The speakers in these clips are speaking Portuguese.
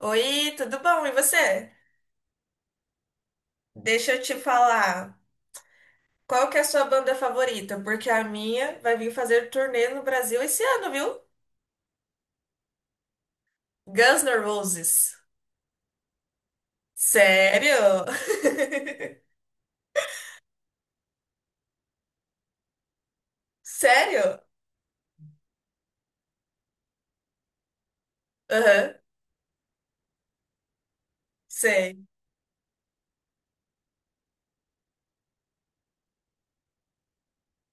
Oi, tudo bom? E você? Deixa eu te falar, qual que é a sua banda favorita? Porque a minha vai vir fazer turnê no Brasil esse ano, viu? Guns N' Roses. Sério? Sério? Aham, sei.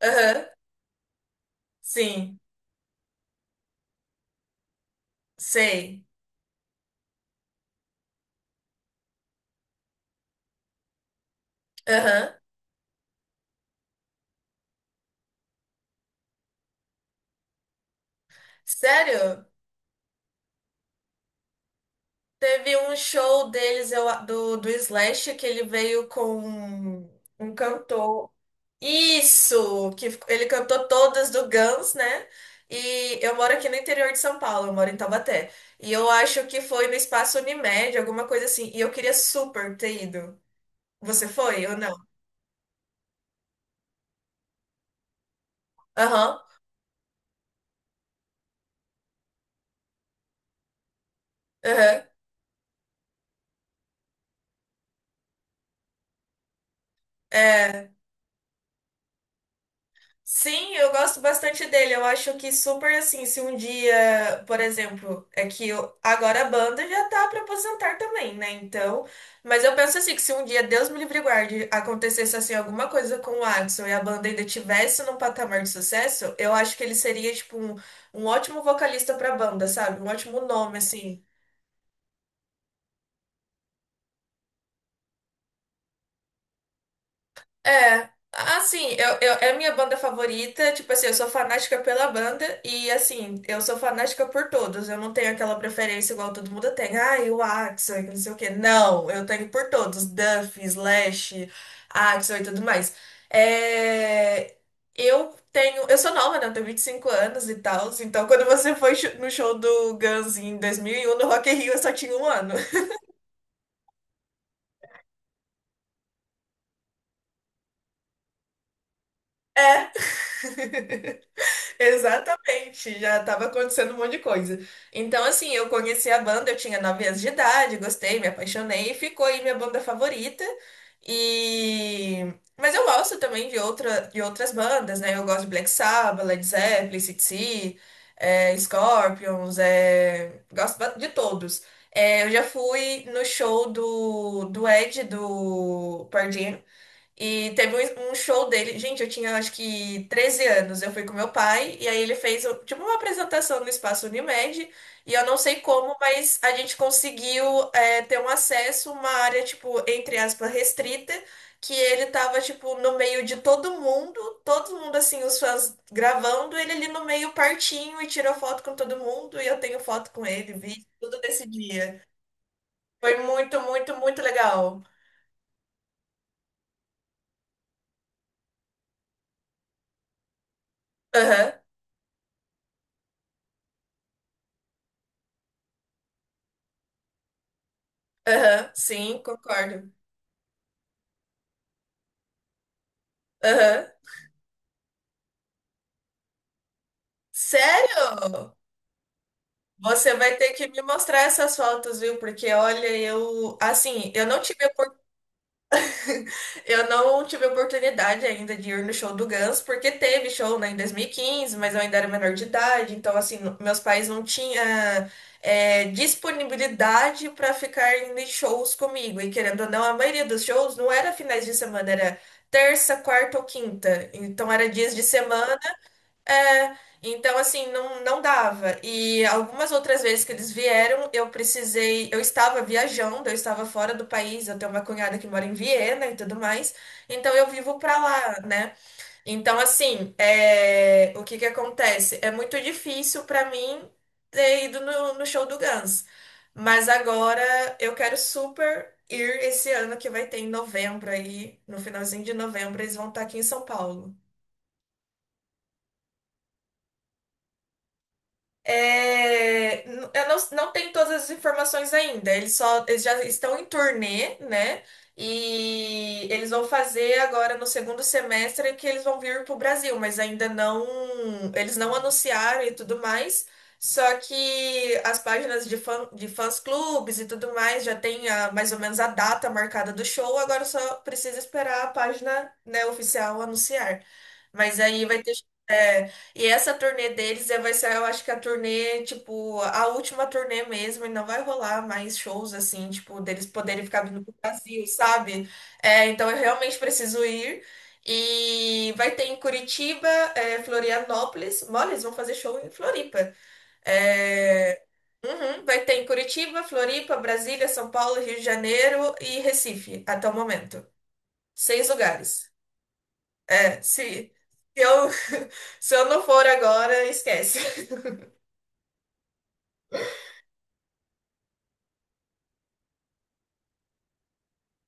Aham, sim, sei. Aham, sério? Teve um show deles, do Slash, que ele veio com um um cantor. Isso, que ele cantou todas do Guns, né? E eu moro aqui no interior de São Paulo, eu moro em Taubaté. E eu acho que foi no Espaço Unimed, alguma coisa assim. E eu queria super ter ido. Você foi ou não? Aham, aham. É. Sim, eu gosto bastante dele. Eu acho que super assim, se um dia, por exemplo, agora a banda já tá pra aposentar também, né? Então, mas eu penso assim, que se um dia, Deus me livre e guarde, acontecesse assim alguma coisa com o Adson e a banda ainda tivesse num patamar de sucesso, eu acho que ele seria tipo um ótimo vocalista pra banda, sabe? Um ótimo nome assim. É, assim, é a minha banda favorita, tipo assim, eu sou fanática pela banda e assim, eu sou fanática por todos. Eu não tenho aquela preferência igual todo mundo tem. Ah, o Axl, que não sei o quê. Não, eu tenho por todos, Duff, Slash, Axl e tudo mais. É, eu sou nova, né? Eu tenho 25 anos e tal, então quando você foi no show do Guns em 2001 no Rock in Rio, eu só tinha um ano. É. Exatamente, já estava acontecendo um monte de coisa. Então, assim, eu conheci a banda, eu tinha 9 anos de idade, gostei, me apaixonei e ficou aí minha banda favorita. E mas eu gosto também de outras bandas, né? Eu gosto de Black Sabbath, Led Zeppelin, AC/DC, é, Scorpions, gosto de todos. É, eu já fui no show do Ed do Pearl Jam e teve um show dele. Gente, eu tinha acho que 13 anos. Eu fui com meu pai, e aí ele fez tipo uma apresentação no espaço Unimed. E eu não sei como, mas a gente conseguiu ter um acesso, uma área, tipo, entre aspas, restrita, que ele tava, tipo, no meio de todo mundo assim, os fãs gravando, ele ali no meio partinho e tirou foto com todo mundo. E eu tenho foto com ele, vi tudo desse dia. Foi muito, muito, muito legal. Aham, aham, sim, concordo. Aham. Sério? Você vai ter que me mostrar essas fotos, viu? Porque olha, eu assim, eu não tive oportunidade ainda de ir no show do Guns, porque teve show, né, em 2015, mas eu ainda era menor de idade, então assim, meus pais não tinham disponibilidade para ficar indo em shows comigo. E querendo ou não, a maioria dos shows não era finais de semana, era terça, quarta ou quinta. Então era dias de semana. É, então assim, não, não dava. E algumas outras vezes que eles vieram, eu precisei, eu estava viajando, eu estava fora do país, eu tenho uma cunhada que mora em Viena e tudo mais, então eu vivo pra lá, né? Então assim, o que que acontece? É muito difícil pra mim ter ido no show do Guns, mas agora eu quero super ir esse ano que vai ter em novembro aí, no finalzinho de novembro, eles vão estar aqui em São Paulo. É, eu não, não tenho todas as informações ainda. Eles só, eles já estão em turnê, né? E eles vão fazer agora no segundo semestre que eles vão vir para o Brasil, mas ainda não, eles não anunciaram e tudo mais. Só que as páginas de fã, de fãs clubes e tudo mais já tem mais ou menos a data marcada do show. Agora só precisa esperar a página, né, oficial anunciar. Mas aí vai ter. E essa turnê deles vai ser, eu acho que a turnê, tipo, a última turnê mesmo, e não vai rolar mais shows assim, tipo, deles poderem ficar vindo pro Brasil, sabe? É, então eu realmente preciso ir. E vai ter em Curitiba, Florianópolis. Mole, eles vão fazer show em Floripa. É, uhum, vai ter em Curitiba, Floripa, Brasília, São Paulo, Rio de Janeiro e Recife, até o momento. Seis lugares. É, se eu, se eu não for agora, esquece.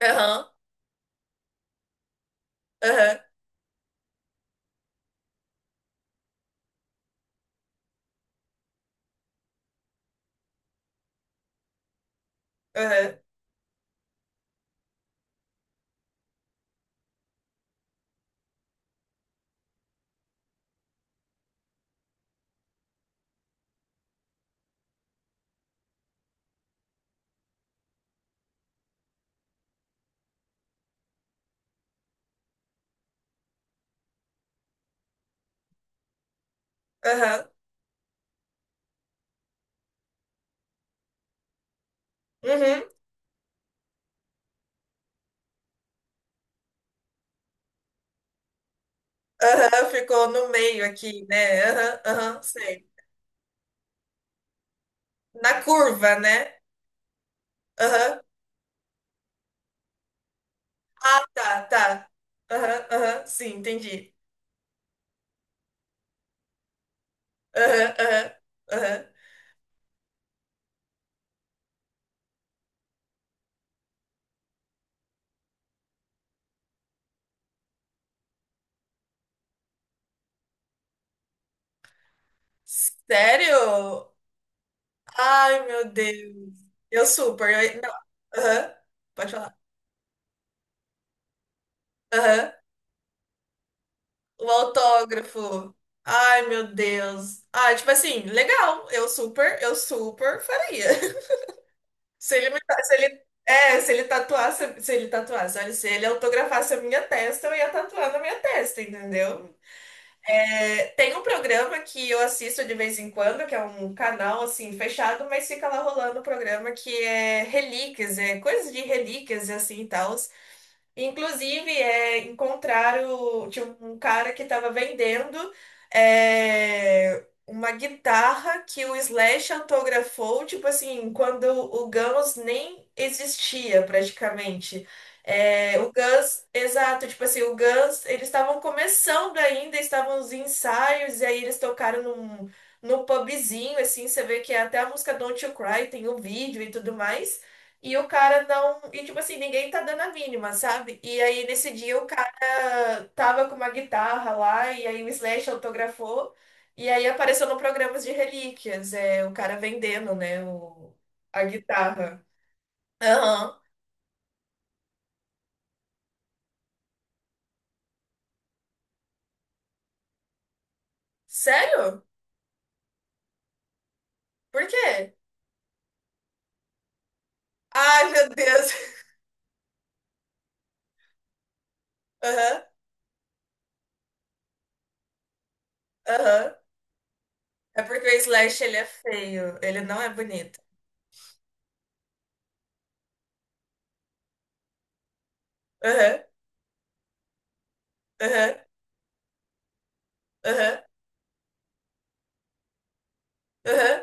Aham, aham, aham, aham, uhum, aham, ficou no meio aqui, né? Aham, aham, sei. Na curva, né? Aham, ah, tá, tá. Aham, aham, sim, entendi. Aham, aham, aham. Sério? Ai, meu Deus. Eu super. Não. Aham, pode falar. Aham. O autógrafo. Ai, meu Deus. Ah, tipo assim, legal. Eu super faria. Se ele me, ta- se ele, se ele tatuasse, se ele tatuasse, olha, se ele autografasse a minha testa, eu ia tatuar na minha testa, entendeu? É, tem um programa que eu assisto de vez em quando, que é um canal assim fechado, mas fica lá rolando o programa que é relíquias, é coisas de relíquias e assim e tal. Inclusive, encontraram, tinha um cara que estava vendendo uma guitarra que o Slash autografou, tipo assim, quando o Guns nem existia praticamente. É, o Guns, exato, tipo assim, o Guns, eles estavam começando ainda, estavam nos ensaios, e aí eles tocaram num pubzinho, assim, você vê que até a música Don't You Cry tem o vídeo e tudo mais. E o cara não. E tipo assim, ninguém tá dando a mínima, sabe? E aí nesse dia o cara tava com uma guitarra lá, e aí o Slash autografou, e aí apareceu no programa de relíquias, o cara vendendo, né, a guitarra. Aham. Sério? Por quê? Ai, meu Deus. Aham, aham. É porque o Slash ele é feio, ele não é bonito. Aham, aham, aham, aham.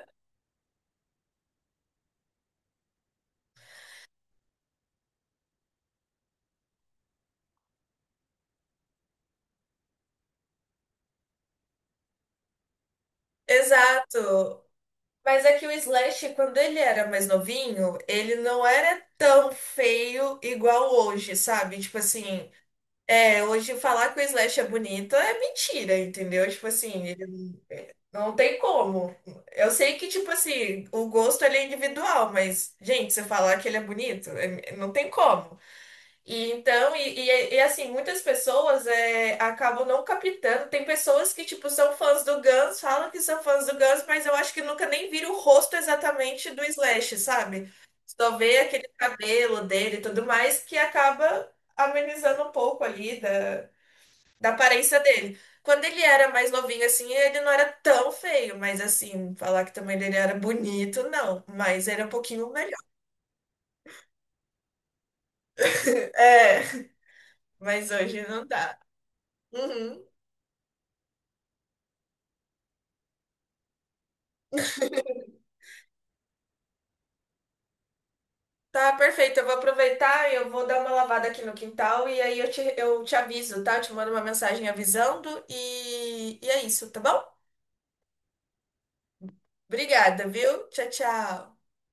Exato. Mas é que o Slash, quando ele era mais novinho, ele não era tão feio igual hoje, sabe? Tipo assim, hoje falar que o Slash é bonito é mentira, entendeu? Tipo assim, ele não tem como. Eu sei que, tipo assim, o gosto ele é individual, mas, gente, você falar que ele é bonito, não tem como. E então, assim, muitas pessoas acabam não captando. Tem pessoas que, tipo, são fãs do Guns, falam que são fãs do Guns, mas eu acho que nunca nem viram o rosto exatamente do Slash, sabe? Só vê aquele cabelo dele e tudo mais, que acaba amenizando um pouco ali da aparência dele. Quando ele era mais novinho, assim, ele não era tão feio, mas assim, falar que também ele era bonito, não. Mas era um pouquinho melhor. É, mas hoje não dá. Uhum. Tá, perfeito. Eu vou aproveitar e eu vou dar uma lavada aqui no quintal e aí eu te aviso, tá? Eu te mando uma mensagem avisando e é isso, tá bom? Obrigada, viu? Tchau, tchau.